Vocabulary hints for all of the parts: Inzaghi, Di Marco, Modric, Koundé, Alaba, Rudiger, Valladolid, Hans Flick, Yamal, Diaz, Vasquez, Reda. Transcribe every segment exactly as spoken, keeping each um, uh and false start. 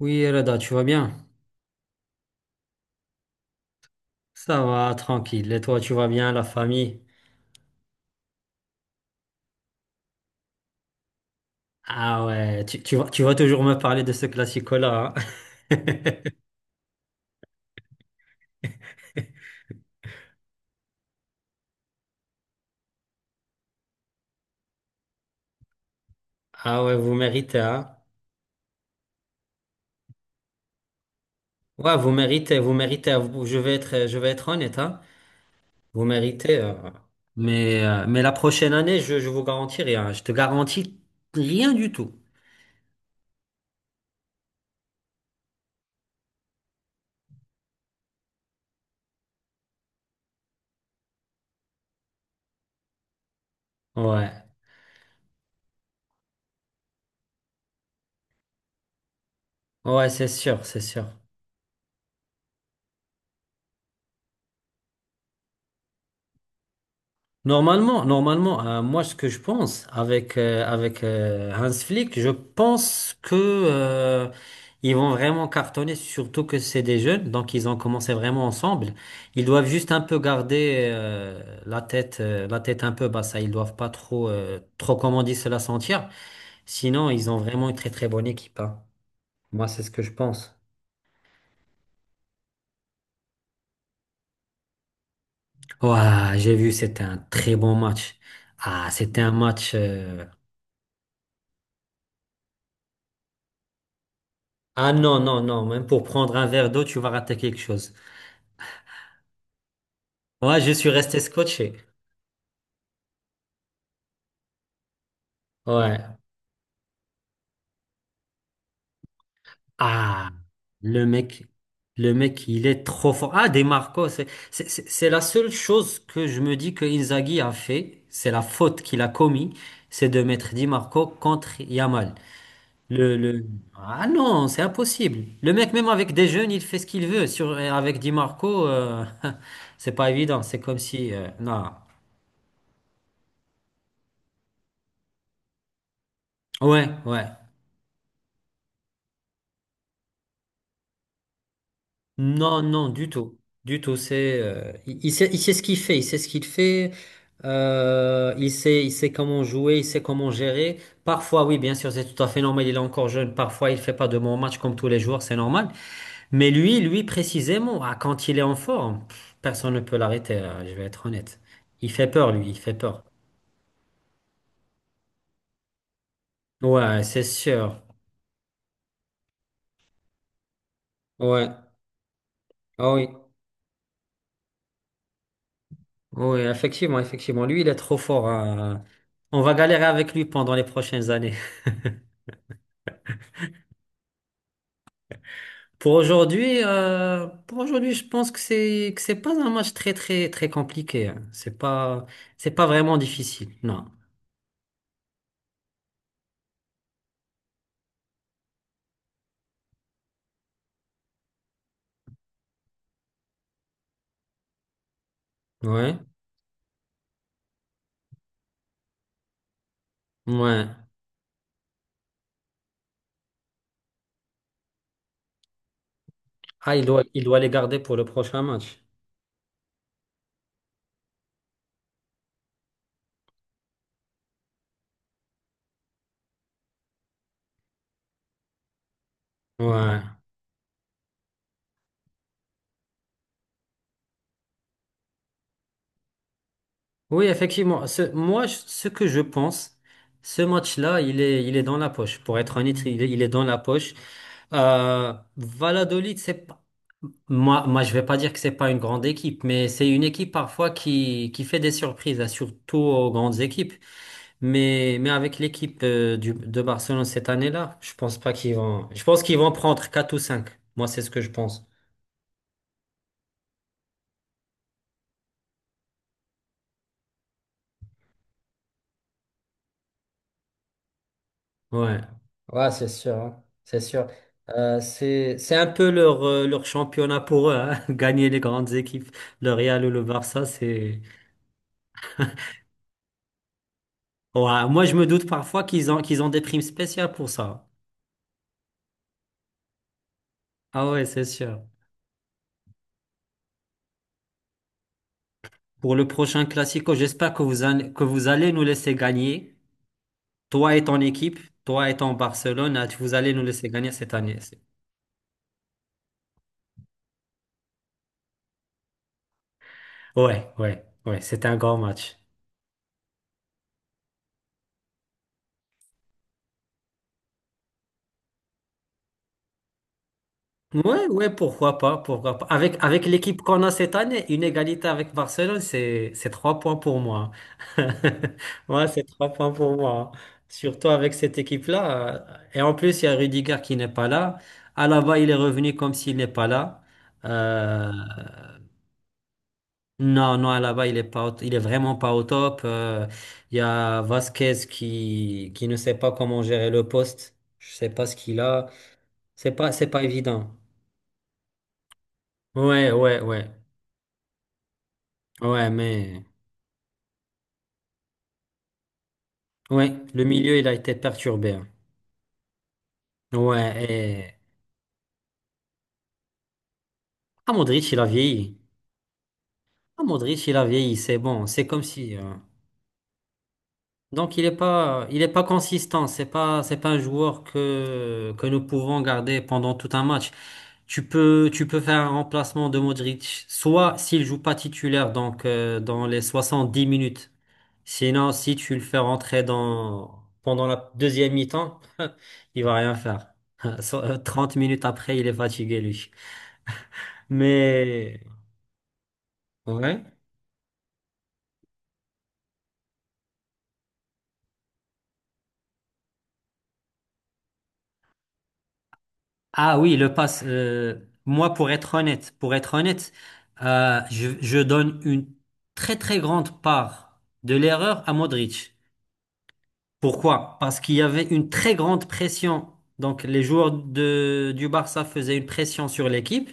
Oui, Reda, tu vas bien? Ça va, tranquille. Et toi, tu vas bien, la famille? Ah ouais, tu, tu vas, tu vas toujours me parler de ce classico-là, hein. Ah ouais, vous méritez, hein? Ouais, vous méritez, vous méritez. Vous- Je vais être, je vais être honnête, hein? Vous méritez. euh, Mais, euh, mais la prochaine année, je, je vous garantis rien. Je te garantis rien du tout. Ouais, ouais, c'est sûr, c'est sûr. Normalement, normalement, euh, moi ce que je pense avec euh, avec euh, Hans Flick, je pense que euh, ils vont vraiment cartonner, surtout que c'est des jeunes, donc ils ont commencé vraiment ensemble. Ils doivent juste un peu garder euh, la tête euh, la tête un peu basse, hein. Ils doivent pas trop euh, trop comme on dit se la sentir. Sinon, ils ont vraiment une très très bonne équipe, hein. Moi, c'est ce que je pense. Ouah, j'ai vu, c'était un très bon match. Ah, c'était un match. euh, Ah non, non, non, même pour prendre un verre d'eau, tu vas rater quelque chose. Ouais, je suis resté scotché. Ouais. Ah, le mec, le mec, il est trop fort. Ah, Des Marcos, c'est c'est- c'est- c'est la seule chose que je me dis que Inzaghi a fait, c'est la faute qu'il a commis, c'est de mettre Di Marco contre Yamal. Le, le... Ah non, c'est impossible. Le mec, même avec des jeunes, il fait ce qu'il veut. Sur, avec Di Marco, euh, c'est pas évident. C'est comme si... euh, non. Ouais, ouais. Non, non, du tout. Du tout. C'est, euh, il, il sait, il sait ce qu'il fait. Il sait ce qu'il fait. euh, il sait, il sait comment jouer. Il sait comment gérer. Parfois, oui, bien sûr, c'est tout à fait normal. Il est encore jeune. Parfois, il fait pas de bons matchs comme tous les joueurs. C'est normal. Mais lui, lui, précisément, ah, quand il est en forme, pff, personne ne peut l'arrêter. Là, je vais être honnête. Il fait peur, lui. Il fait peur. Ouais, c'est sûr. Ouais. Ah oui. Oui, effectivement, effectivement. Lui, il est trop fort, hein. On va galérer avec lui pendant les prochaines années. Pour aujourd'hui, euh, pour aujourd'hui, je pense que c'est que c'est pas un match très très très compliqué, hein. C'est pas c'est pas vraiment difficile. Non. Ouais. Ouais. Ah, il doit il doit les garder pour le prochain match. Ouais. Oui, effectivement. Ce, moi, je- ce que je pense, ce match-là, il est il est dans la poche. Pour être honnête, il est, il est dans la poche. Euh, Valladolid, c'est pas- moi, moi, je vais pas dire que c'est pas une grande équipe, mais c'est une équipe parfois qui qui fait des surprises, hein, surtout aux grandes équipes. Mais, mais avec l'équipe euh, du, de Barcelone cette année-là, je pense pas qu'ils vont. Je pense qu'ils vont prendre quatre ou cinq. Moi, c'est ce que je pense. Ouais. Ouais, c'est sûr, hein. C'est sûr. Euh, c'est, c'est un peu leur, euh, leur championnat pour eux, hein. Gagner les grandes équipes, le Real ou le Barça, c'est. Ouais, moi, je me doute parfois qu'ils ont, qu'ils ont des primes spéciales pour ça. Ah ouais, c'est sûr. Pour le prochain Classico, j'espère que vous allez, que vous allez nous laisser gagner. Toi et ton équipe, toi et ton Barcelone, ah, vous allez nous laisser gagner cette année. C'est- Ouais, ouais, ouais, c'était un grand match. Ouais, ouais, pourquoi pas, pourquoi pas. Avec, avec l'équipe qu'on a cette année, une égalité avec Barcelone, c'est, c'est trois points pour moi. Ouais, c'est trois points pour moi. Surtout avec cette équipe-là. euh, Et en plus, il y a Rudiger qui n'est pas là. Alaba, il est revenu comme s'il n'est pas là. Euh, Non, non, là-bas, il est pas, au- il est vraiment pas au top. Euh, Il y a Vasquez qui, qui ne sait pas comment gérer le poste. Je sais pas ce qu'il a. C'est pas, c'est pas évident. Ouais, ouais, ouais. Ouais, mais, ouais, le milieu, il a été perturbé, hein. Ouais, et, ah, Modric, il a vieilli. Ah, Modric, il a vieilli, c'est bon. C'est comme si, euh, donc il est pas, il est pas consistant. C'est pas, c'est pas un joueur que que nous pouvons garder pendant tout un match. Tu peux, tu peux faire un remplacement de Modric, soit s'il joue pas titulaire, donc euh, dans les soixante-dix minutes. Sinon, si tu le fais rentrer dans pendant la deuxième mi-temps, il va rien faire. So- euh, trente minutes après, il est fatigué lui. Mais ouais. Ah oui, le pass. euh, moi, pour être honnête, pour être honnête, euh, je, je donne une très très grande part de l'erreur à Modric. Pourquoi? Parce qu'il y avait une très grande pression. Donc, les joueurs de, du Barça faisaient une pression sur l'équipe.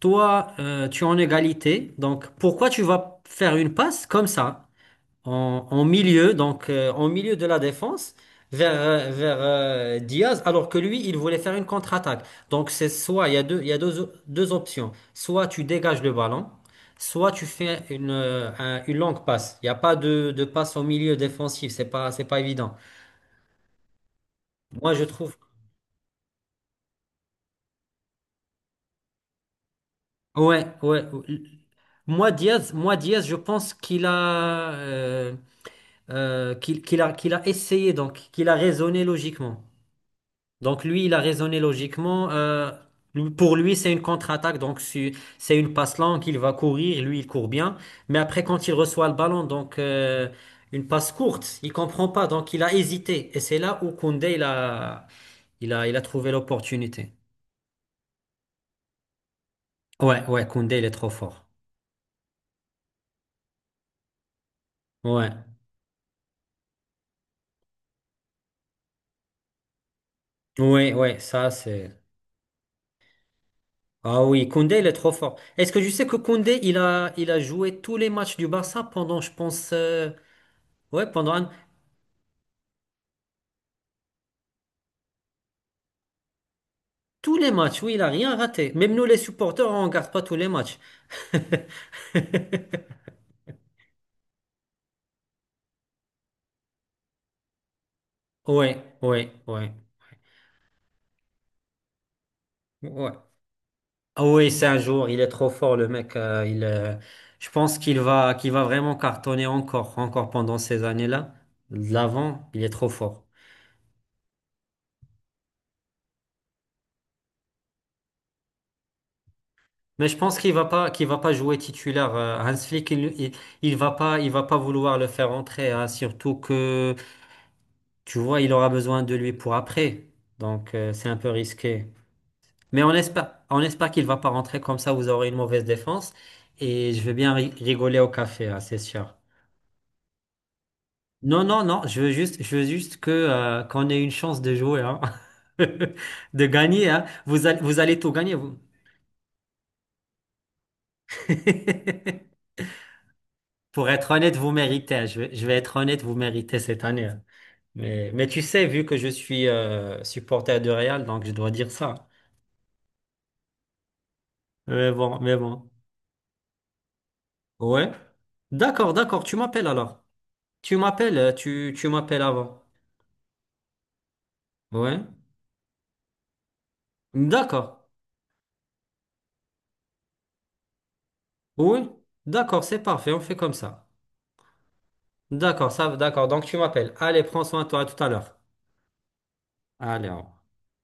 Toi, euh, tu es en égalité. Donc, pourquoi tu vas faire une passe comme ça? en, en milieu, donc euh, en milieu de la défense, vers, euh, vers euh, Diaz, alors que lui, il voulait faire une contre-attaque. Donc c'est soit, il y a deux, il y a deux, o- deux options. Soit tu dégages le ballon, soit tu fais une, euh, un- une longue passe. Il n'y a pas de, de passe au milieu défensif, c'est pas, c'est pas évident. Moi, je trouve... Ouais, ouais. Moi, Diaz, moi, Diaz, je pense qu'il a, euh, euh, qu'il, qu'il a, qu'il a essayé, donc qu'il a raisonné logiquement. Donc lui, il a raisonné logiquement. euh, lui- pour lui, c'est une contre-attaque, donc su- c'est une passe longue, il va courir, lui, il court bien. Mais après, quand il reçoit le ballon, donc euh, une passe courte, il comprend pas, donc il a hésité. Et c'est là où Koundé, il a, il a, il a trouvé l'opportunité. Ouais, ouais, Koundé, il est trop fort. Ouais, ouais, ouais, ça c'est. Ah oui, Koundé, il est trop fort. Est-ce que je sais que Koundé, il a, il a joué tous les matchs du Barça pendant, je pense, euh, ouais, pendant un Tous les matchs, oui, il a rien raté. Même nous, les supporters, on regarde pas tous les matchs. Ouais, ouais, ouais, ouais. Ah oui, c'est un jour, il est trop fort, le mec. euh, il, euh, je pense qu'il va, qu'il va vraiment cartonner encore, encore pendant ces années-là. De l'avant, il est trop fort. Mais je pense qu'il va pas, qu'il va pas jouer titulaire. euh, Hans Flick, il, il, il va pas, il va pas vouloir le faire entrer, hein, surtout que, tu vois, il aura besoin de lui pour après. Donc, euh, c'est un peu risqué. Mais on espère, on espère qu'il va pas rentrer comme ça, vous aurez une mauvaise défense et je vais bien ri- rigoler au café, hein, c'est sûr. Non, non, non, je veux juste, je veux juste que euh, qu'on ait une chance de jouer, hein. De gagner, hein. Vous allez, vous allez tout gagner, vous. Pour être honnête, vous méritez, hein. Je vais, je vais être honnête, vous méritez cette année, hein. Mais, mais tu sais, vu que je suis euh, supporter de Real, donc je dois dire ça. Mais bon, mais bon. Ouais. D'accord, d'accord. Tu m'appelles alors. Tu m'appelles, euh, tu, tu m'appelles avant. Ouais. D'accord. Oui. D'accord, c'est parfait. On fait comme ça. D'accord, ça, d'accord. Donc tu m'appelles. Allez, prends soin de toi. À tout à l'heure. Allez, au revoir.